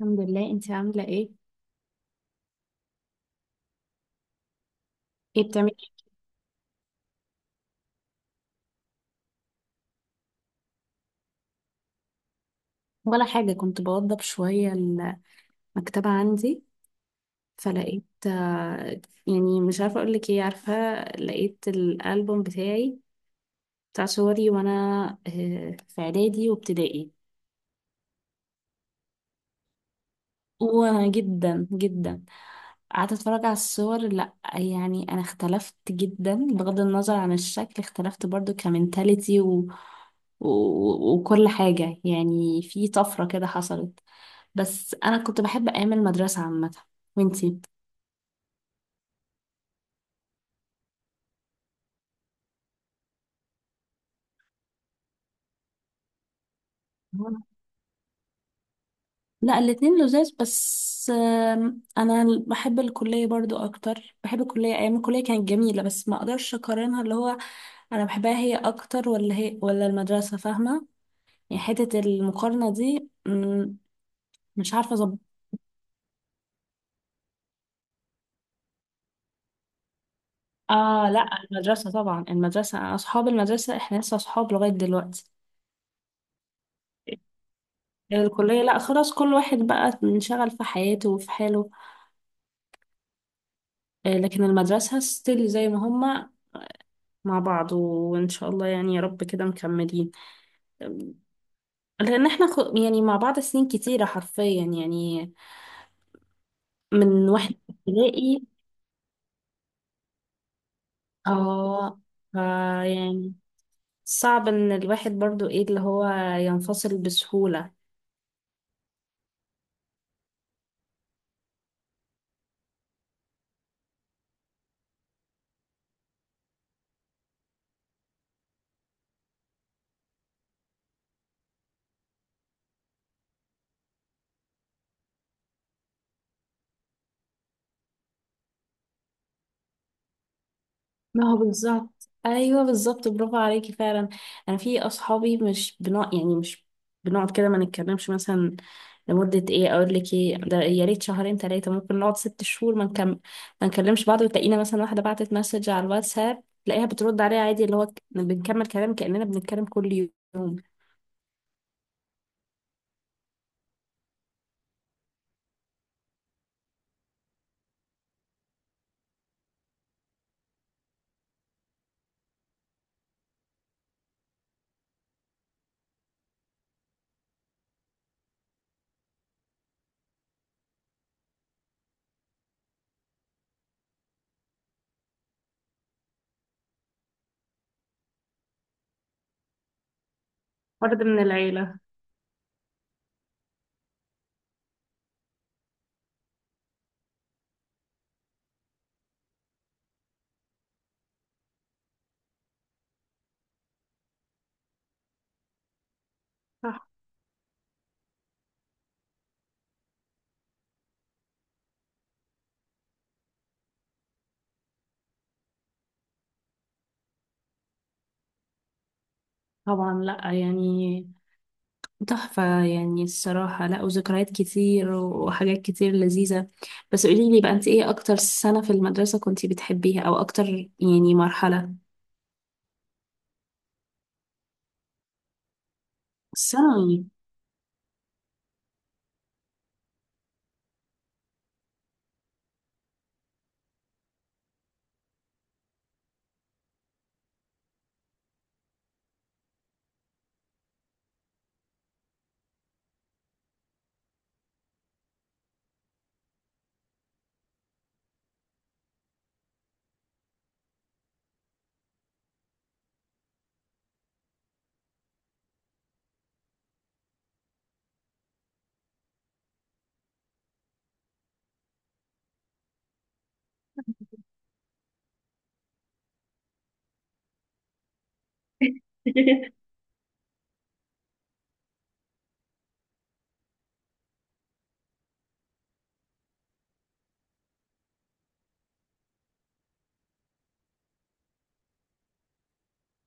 الحمد لله. انت عاملة ايه؟ ايه بتعملي؟ ولا حاجة، كنت بوضب شوية المكتبة عندي، فلقيت يعني مش عارفة اقولك ايه، عارفة، لقيت الألبوم بتاعي، بتاع صوري وانا في اعدادي وابتدائي، وجدا جدا جدا. قعدت اتفرج على الصور، لا يعني انا اختلفت جدا، بغض النظر عن الشكل اختلفت برضو كمنتاليتي وكل حاجة، يعني في طفرة كده حصلت. بس انا كنت بحب ايام المدرسة عامة. وانتي؟ مم. لا الاتنين لذاذ، بس انا بحب الكلية برضو اكتر، بحب الكلية، ايام الكلية كانت جميلة، بس ما اقدرش اقارنها، اللي هو انا بحبها هي اكتر، ولا هي ولا المدرسة، فاهمة يعني، حتة المقارنة دي مش عارفة أظبط. آه لأ، المدرسة طبعا، المدرسة، أصحاب المدرسة إحنا لسه أصحاب لغاية دلوقتي. الكلية لأ، خلاص كل واحد بقى منشغل في حياته وفي حاله. لكن المدرسة ستيل زي ما هما، مع بعض، وإن شاء الله يعني يا رب كده مكملين. لأن إحنا يعني مع بعض سنين كتيرة حرفيا يعني، من واحد في ابتدائي. آه فا يعني، صعب إن الواحد برضو إيه اللي هو ينفصل بسهولة. ما هو بالظبط، ايوه بالظبط، برافو عليكي فعلا. انا في اصحابي مش بنوع يعني، مش بنقعد كده ما نتكلمش مثلا لمده، ايه اقول لك ايه ده، يا ريت شهرين ثلاثه، ممكن نقعد ست شهور ما نكلمش بعض، وتلاقينا مثلا واحده بعتت مسج على الواتساب، تلاقيها بترد عليها عادي، اللي هو بنكمل كلام كاننا بنتكلم كل يوم. فرد من العيلة. صح. طبعا، لا يعني تحفة يعني الصراحة، لا وذكريات كتير وحاجات كتير لذيذة. بس قوليلي بقى انت، ايه اكتر سنة في المدرسة كنتي بتحبيها؟ او اكتر يعني مرحلة. الثانوي.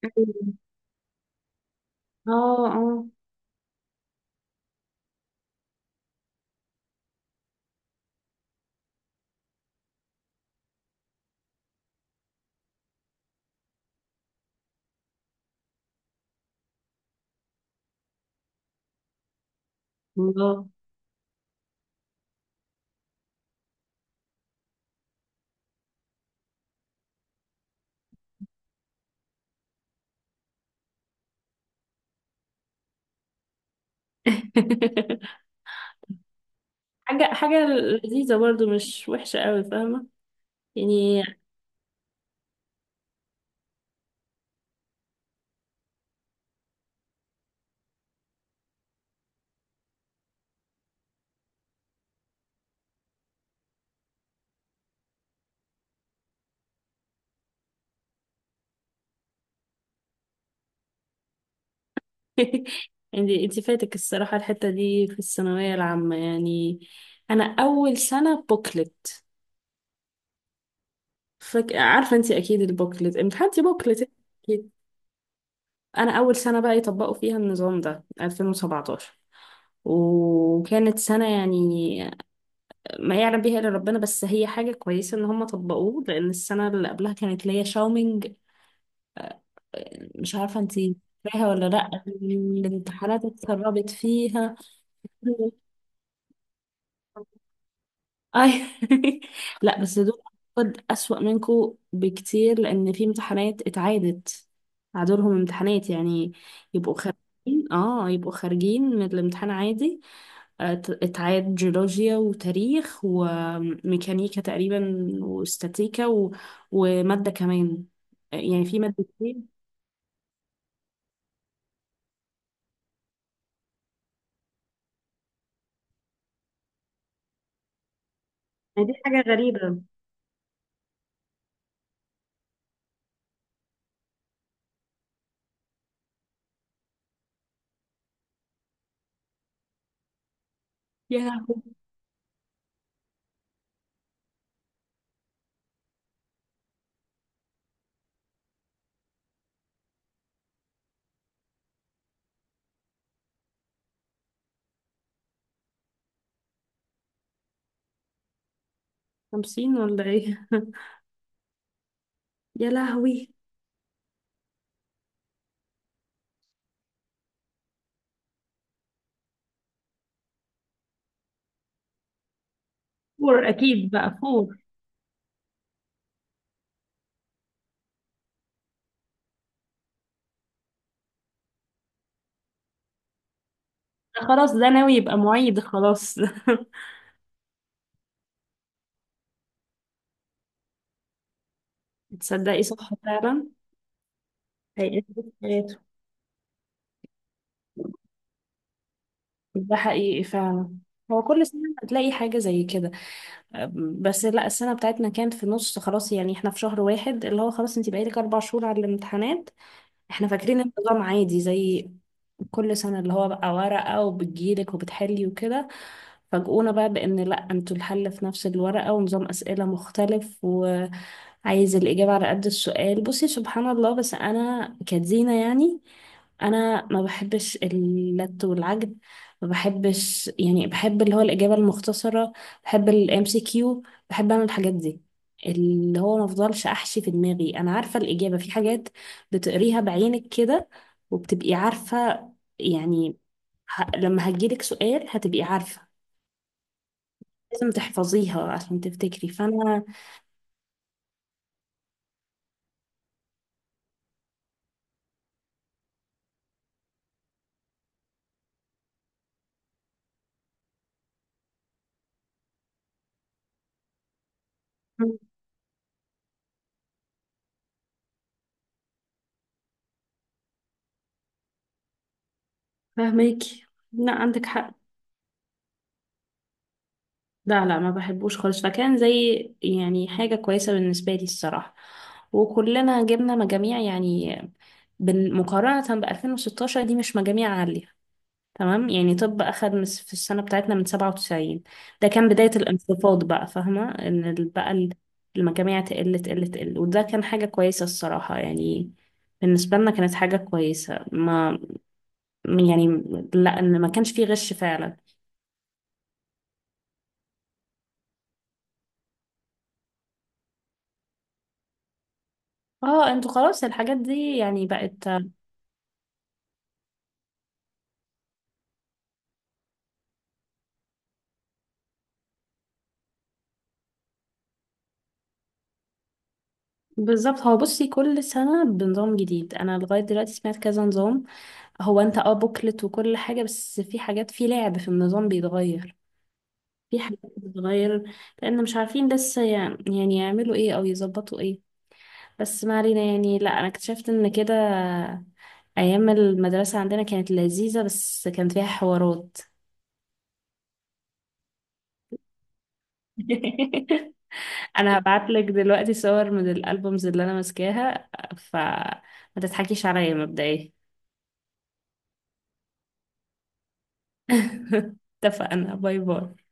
اه اه. الله. حاجة حاجة لذيذة برضو، مش وحشة قوي، فاهمة يعني. انت انت فاتك الصراحة الحتة دي في الثانوية العامة يعني. انا اول سنة بوكلت. عارفة، انت اكيد البوكلت امتحنتي بوكلت. انا اول سنه بقى يطبقوا فيها النظام ده 2017، وكانت سنه يعني ما يعلم بيها الا ربنا، بس هي حاجه كويسه ان هم طبقوه، لان السنه اللي قبلها كانت ليا شاومينج. مش عارفه انتي فاكراها ولا لا، الامتحانات اتسربت فيها. اي. لا بس دول قد اسوأ منكو بكتير، لان في امتحانات اتعادت، عادولهم امتحانات يعني، يبقوا خارجين، اه يبقوا خارجين من الامتحان عادي. اتعاد جيولوجيا وتاريخ وميكانيكا تقريبا واستاتيكا ومادة كمان، يعني في مادتين. يعني دي حاجة غريبة. يا لهوي. خمسين ولا ايه؟ يا لهوي. فور اكيد بقى فور. ده خلاص ده ناوي يبقى معيد خلاص. تصدقي صح فعلا. هيئة حياته. ده حقيقي فعلا. هو كل سنة هتلاقي حاجة زي كده، بس لا السنة بتاعتنا كانت في النص خلاص يعني، احنا في شهر واحد اللي هو خلاص، انتي بقيتك اربع شهور على الامتحانات، احنا فاكرين النظام عادي زي كل سنة، اللي هو بقى ورقة وبتجيلك وبتحلي وكده. فاجئونا بقى بأن لأ، انتوا الحل في نفس الورقة، ونظام أسئلة مختلف، وعايز الإجابة على قد السؤال. بصي سبحان الله، بس أنا كدينا يعني، أنا ما بحبش اللت والعجب، ما بحبش يعني، بحب اللي هو الإجابة المختصرة، بحب الام سي كيو، بحب أنا الحاجات دي، اللي هو ما افضلش احشي في دماغي، انا عارفه الاجابه، في حاجات بتقريها بعينك كده وبتبقي عارفة يعني، لما هجيلك سؤال هتبقي عارفة، لازم تحفظيها عشان تفتكري، فأنا. فاهماكي. لا عندك حق. لا لا ما بحبوش خالص، فكان زي يعني حاجة كويسة بالنسبة لي الصراحة، وكلنا جبنا مجاميع يعني، مقارنة ب 2016، دي مش مجاميع عالية تمام يعني، طب أخد في السنة بتاعتنا من سبعة وتسعين، ده كان بداية الانخفاض بقى، فاهمة إن بقى المجاميع تقل تقل تقل، وده كان حاجة كويسة الصراحة يعني، بالنسبة لنا كانت حاجة كويسة، ما يعني، لا إن ما كانش فيه غش فعلا. اه انتوا خلاص الحاجات دي يعني بقت. بالظبط، هو بصي كل سنة بنظام جديد، انا لغاية دلوقتي سمعت كذا نظام، هو انت اه بوكلت وكل حاجة، بس في حاجات في لعب في النظام بيتغير، في حاجات بتتغير، لأن مش عارفين لسه يعني يعملوا ايه أو يظبطوا ايه. بس ما علينا يعني، لا أنا اكتشفت إن كده أيام المدرسة عندنا كانت لذيذة، بس كان فيها حوارات. أنا هبعتلك دلوقتي صور من الألبومز اللي أنا ماسكاها، فما تضحكيش عليا مبدئيا. اتفقنا، باي باي.